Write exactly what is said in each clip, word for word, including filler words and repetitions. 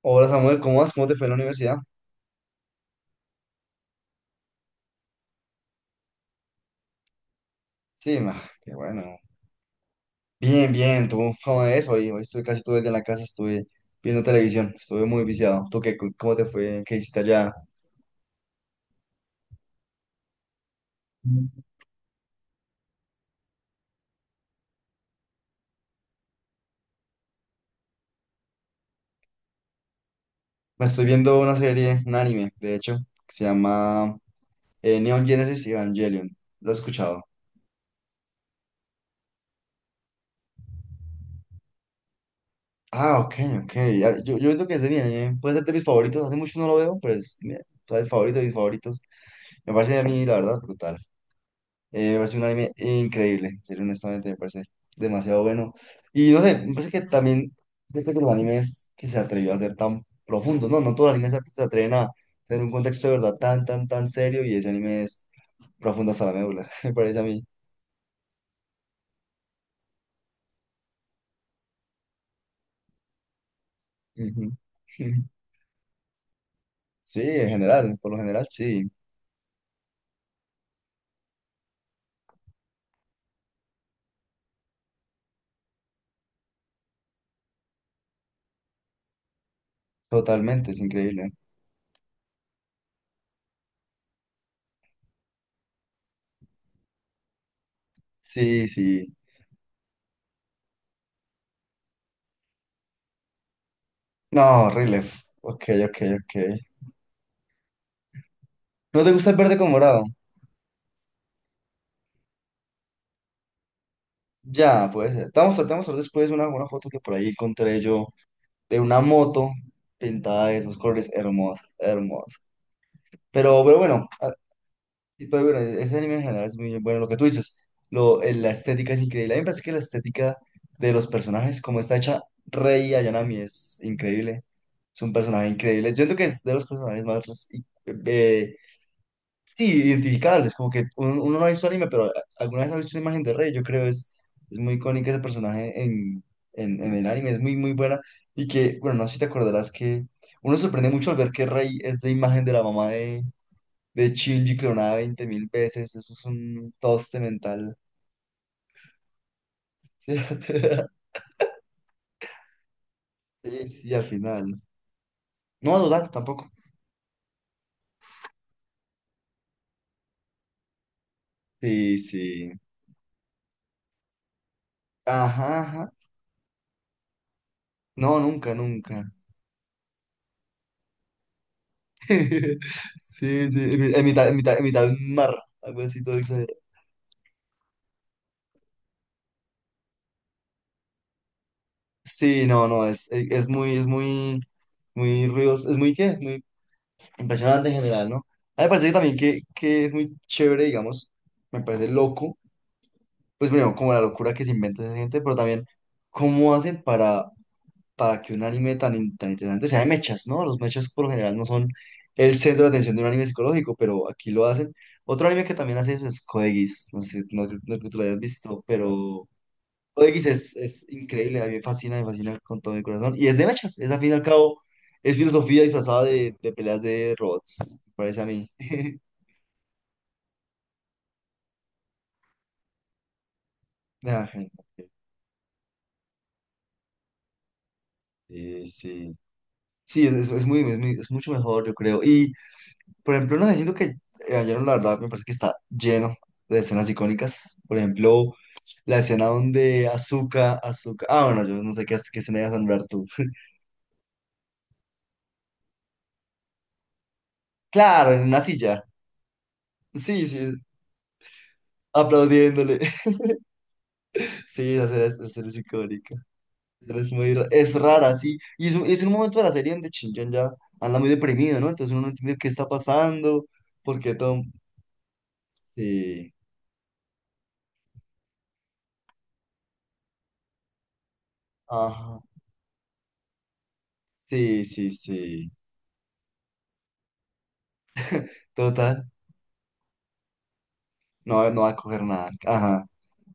Hola Samuel, ¿cómo vas? ¿Cómo te fue en la universidad? Sí, ma, qué bueno. Bien, bien, ¿tú cómo es? Hoy, hoy estuve casi todo el día en la casa, estuve viendo televisión, estuve muy viciado. ¿Tú qué? ¿Cómo te fue? ¿Qué hiciste allá? Me estoy viendo una serie, un anime, de hecho, que se llama eh, Neon Genesis Evangelion. Lo has escuchado. Ah, ok, ok. Ah, Yo, yo creo que es de mi anime. Puede ser de mis favoritos. Hace mucho no lo veo, pero es mi, o sea, el favorito de mis favoritos. Me parece a mí, la verdad, brutal. Eh, me parece un anime increíble, en serio, honestamente, me parece demasiado bueno. Y no sé, me parece que también, siento que los animes que se atrevió a ser tan profundos, no, no todos los animes se se atreven a tener un contexto de verdad tan, tan, tan serio y ese anime es profundo hasta la médula, me parece a mí. Ujú. Sí, en general, por lo general, sí, totalmente, es increíble. Sí, sí. No, horrible. Ok, ok, ok. ¿No te gusta el verde con morado? Ya, puede ser. Te vamos, tratamos a ver después una, una, foto que por ahí encontré yo de una moto pintada de esos colores hermosa, hermosa. Pero, pero bueno, ah, y- pero bueno, ese anime en general es muy bueno. Lo que tú dices, lo, eh, la estética es increíble. A mí me parece que la estética de los personajes, como está hecha Rei Ayanami, es increíble. Es un personaje increíble. Yo creo que es de los personajes más res- i- eh, Sí, identificables, como que uno, uno no ha visto anime, pero eh, alguna vez ha visto una imagen de Rey, yo creo es, es muy icónica ese personaje en, en, en el anime, es muy, muy buena. Y que, bueno, no sé si te acordarás que uno se sorprende mucho al ver que Rey es la imagen de la mamá de, de Shinji clonada veinte mil veces, eso es un toste mental. Sí, sí, al final. No, no tanto tampoco. Sí, sí. Ajá, ajá. No, nunca, nunca. Sí, sí, en en mitad, en mitad, en mitad de un mar, algo así todo exagerado. Sí, no, no, es, e, es muy, es muy, muy ruidoso, es muy, ¿qué? Es muy impresionante en general, ¿no? A mí me parece que también que, que es muy chévere, digamos, me parece loco, pues primero, como la locura que se inventa esa gente, pero también cómo hacen para, para que un anime tan, in- tan interesante sea de mechas, ¿no? Los mechas por lo general no son el centro de atención de un anime psicológico, pero aquí lo hacen. Otro anime que también hace eso es Code Geass, no sé, si, no, no creo que tú lo hayas visto, pero... O D X es, es increíble, a mí me fascina, me fascina con todo mi corazón. Y es de mechas, es al fin y al cabo, es filosofía disfrazada de, de peleas de robots, me parece a mí. Ah, sí, sí. Sí, es, es muy, es muy- es mucho mejor, yo creo. Y, por ejemplo, no sé, siento que eh, ayer, la verdad, me parece que está lleno de escenas icónicas. Por ejemplo, la escena donde Azuka, Azuka, ah, bueno, yo no sé qué, qué escena ibas a nombrar tú. Claro, en una silla. Sí, sí, aplaudiéndole. Sí, la escena, es la escena es icónica. Pero Es muy, ra- es rara, sí. Y es un, es un momento de la serie donde Shinjan ya anda muy deprimido, ¿no? Entonces uno no entiende qué está pasando, porque todo... Sí, ajá, sí, sí, sí. Total, no, no va a coger nada. Ajá,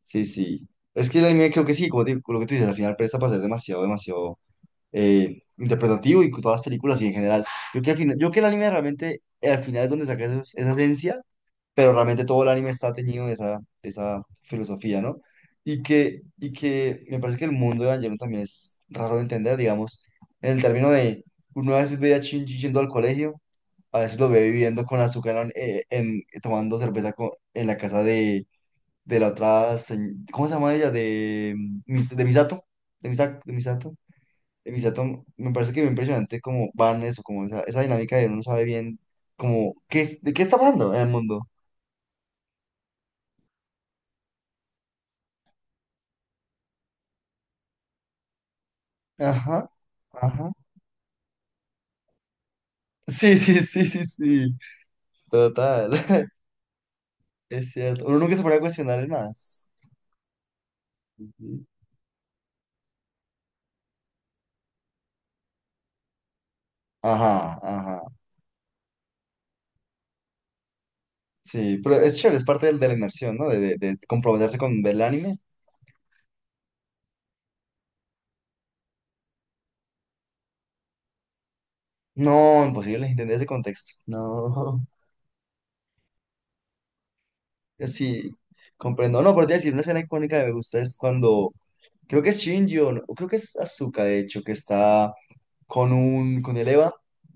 sí, sí. Es que el anime creo que sí, como te digo, lo que tú dices, al final presta para ser demasiado, demasiado eh, interpretativo y con todas las películas y en general. Yo que al final, yo que el anime realmente, eh, al final es donde saca esos- esa esencia pero realmente todo el anime está teñido de esa, de esa, filosofía, ¿no? Y que, y que me parece que el mundo de Evangelion también es raro de entender, digamos, en el término de uno a veces ve a Shinji yendo al colegio, a veces lo ve viviendo con azúcar en, eh, en- tomando cerveza co- en la casa de, de la otra, se- ¿cómo se llama ella? De, mm, Mis- de Misato, de Misato, de Misato. De Misato, me parece que es impresionante cómo van eso, como esa, esa dinámica de uno no sabe bien como qué, es- de qué está hablando en el mundo. Ajá, ajá. Sí, sí, sí, sí, sí. Total, es cierto. Uno nunca se pone a cuestionar el más. Ajá, ajá. Sí, pero es chévere, es parte del, de la inmersión, ¿no? De, de, de comprometerse con ver el anime. No, imposible entender ese contexto. No, sí, comprendo. No, pero te voy a decir, una escena icónica que me gusta es cuando, creo que es Shinji o no- creo que es Asuka, de hecho, que está con un, con el Eva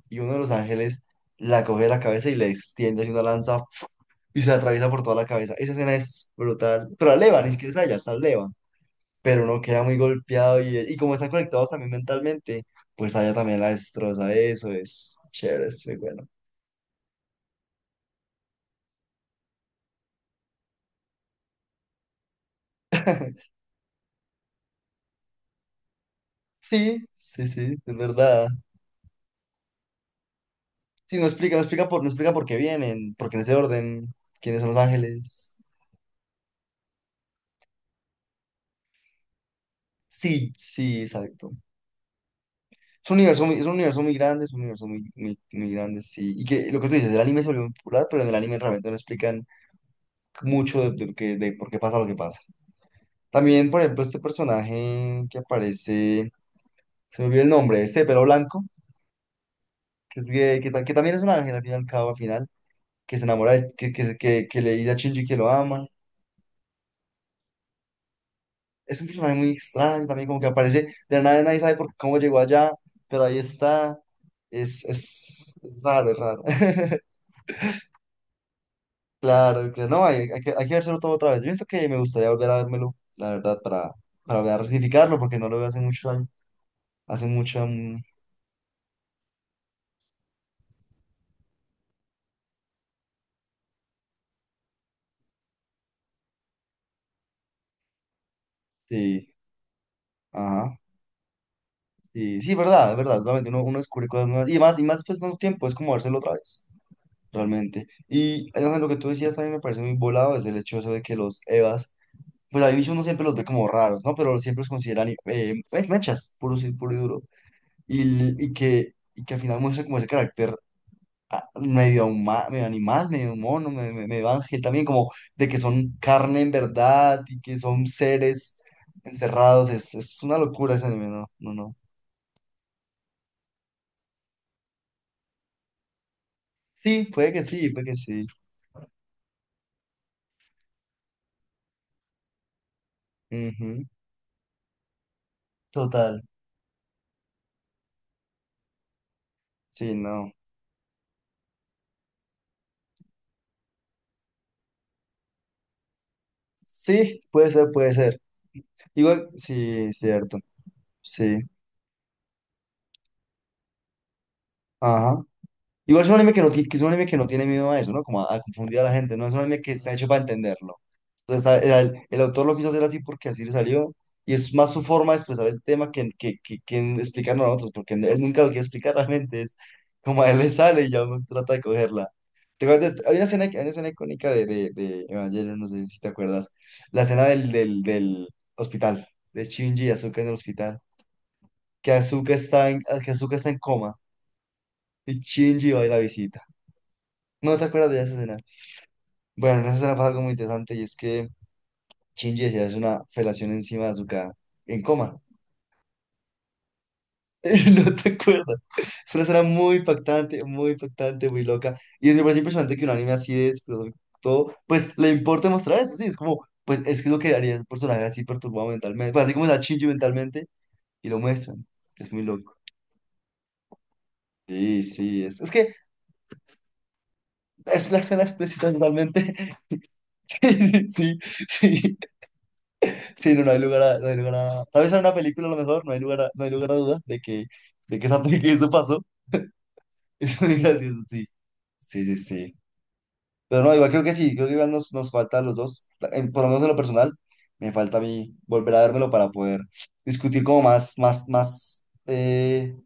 y uno de los ángeles la coge de la cabeza y le extiende así una lanza y se la atraviesa por toda la cabeza. Esa escena es brutal. Pero a Levan, ni siquiera es allá, está Levan. Pero uno queda muy golpeado y, y, como están conectados también mentalmente, pues allá también la destroza. Eso es chévere, es muy bueno. Sí, sí, sí, es verdad. Sí, no explica, no explica por, no explica por qué vienen, porque en ese orden, quiénes son los ángeles. Sí, sí, exacto. Es un universo muy, es un universo muy grande, es un universo muy, muy, muy grande, sí. Y que lo que tú dices, el anime se volvió muy popular, pero en el anime realmente no explican mucho de, de, lo que- de por qué pasa lo que pasa. También, por ejemplo, este personaje que aparece, se me olvidó el nombre, este de pelo blanco, que, es gay, que, ta- que también es un ángel al fin y al cabo, al final, que se enamora, de- que, que, que, que le dice a Shinji que lo ama. Es un personaje muy extraño también, como que aparece de la nada, nadie sabe por cómo llegó allá, pero ahí está. Es, es raro, es raro. Claro, claro, no, hay, hay que, hay que vérselo todo otra vez. Yo siento que me gustaría volver a vérmelo, la verdad, para, para, resignificarlo, porque no lo veo hace muchos años hace mucho, mm, sí, ajá. Sí, sí, verdad, es verdad, realmente uno, uno, descubre cosas nuevas y más, y más pues tanto tiempo es como dárselo otra vez, realmente. Y además, lo que tú decías también me parece muy volado, es el hecho eso de que los EVAs, pues al inicio uno siempre los ve como raros, ¿no? Pero siempre los consideran eh, eh, mechas, puro, y- puro y duro. Y, l- y, que, y que al final muestra como ese carácter ah, medio, huma- medio animal, medio mono, me- me- medio ángel también, como de que son carne en verdad y que son seres encerrados, es, es una locura ese anime, ¿no? No, no. Sí, puede que sí, puede que sí. Ujú, total, sí, no. Sí, puede ser, puede ser. Igual, sí, cierto, sí, ajá. Igual es un anime que, no, ti- que es un anime que no tiene miedo a eso, ¿no? Como a, a confundir a la gente, ¿no? Es un anime que está hecho para entenderlo. O sea, el, el autor lo quiso hacer así porque así le salió. Y es más su forma de expresar el tema que, que, que, que en explicarnos a nosotros, porque él nunca lo quiere explicar realmente. Es como a él le sale y ya uno trata de cogerla. ¿Te acuerdas de- hay una escena, hay una escena, icónica de, de, de Evangelion, no sé si te acuerdas. La escena del, del, del hospital, de Shinji y Asuka en el hospital. Que Asuka está en, que Asuka está en coma y Shinji va y la visita. ¿No te acuerdas de esa escena? Bueno, en esa escena pasa algo muy interesante y es que Shinji decía, es una felación encima de Azuka en coma. No te acuerdas. Es una escena muy impactante, muy impactante, muy loca. Y me parece impresionante que un anime así de desprolijo todo, pues le importa mostrar eso, sí. Es como, pues es que es lo que haría el personaje así perturbado mentalmente. Pues así como está Shinji mentalmente, y lo muestran. Es muy loco. Sí, sí, es, es que es la escena explícita totalmente. Sí, sí, sí, sí, sí, no, no hay lugar a, no hay lugar a- tal vez en una película a lo mejor, no hay lugar a, no hay lugar a duda de que, de que, esa- que eso pasó. Es muy gracioso, sí. Sí, sí, sí. Pero no, igual creo que sí, creo que igual nos, nos falta a los dos, en- por lo menos en lo personal, me falta a mí volver a vérmelo para poder discutir como más, más, más, eh,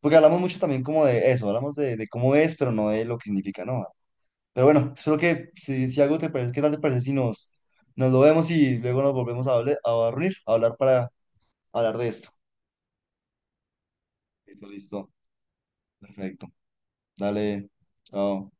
porque hablamos mucho también como de eso, hablamos de, de cómo es, pero no de lo que significa, ¿no? Pero bueno, espero que si, si algo te parece, ¿qué tal te parece si nos, nos lo vemos y luego nos volvemos a, hable- a reunir, a hablar para hablar de esto? Listo, listo, perfecto. Dale, chao.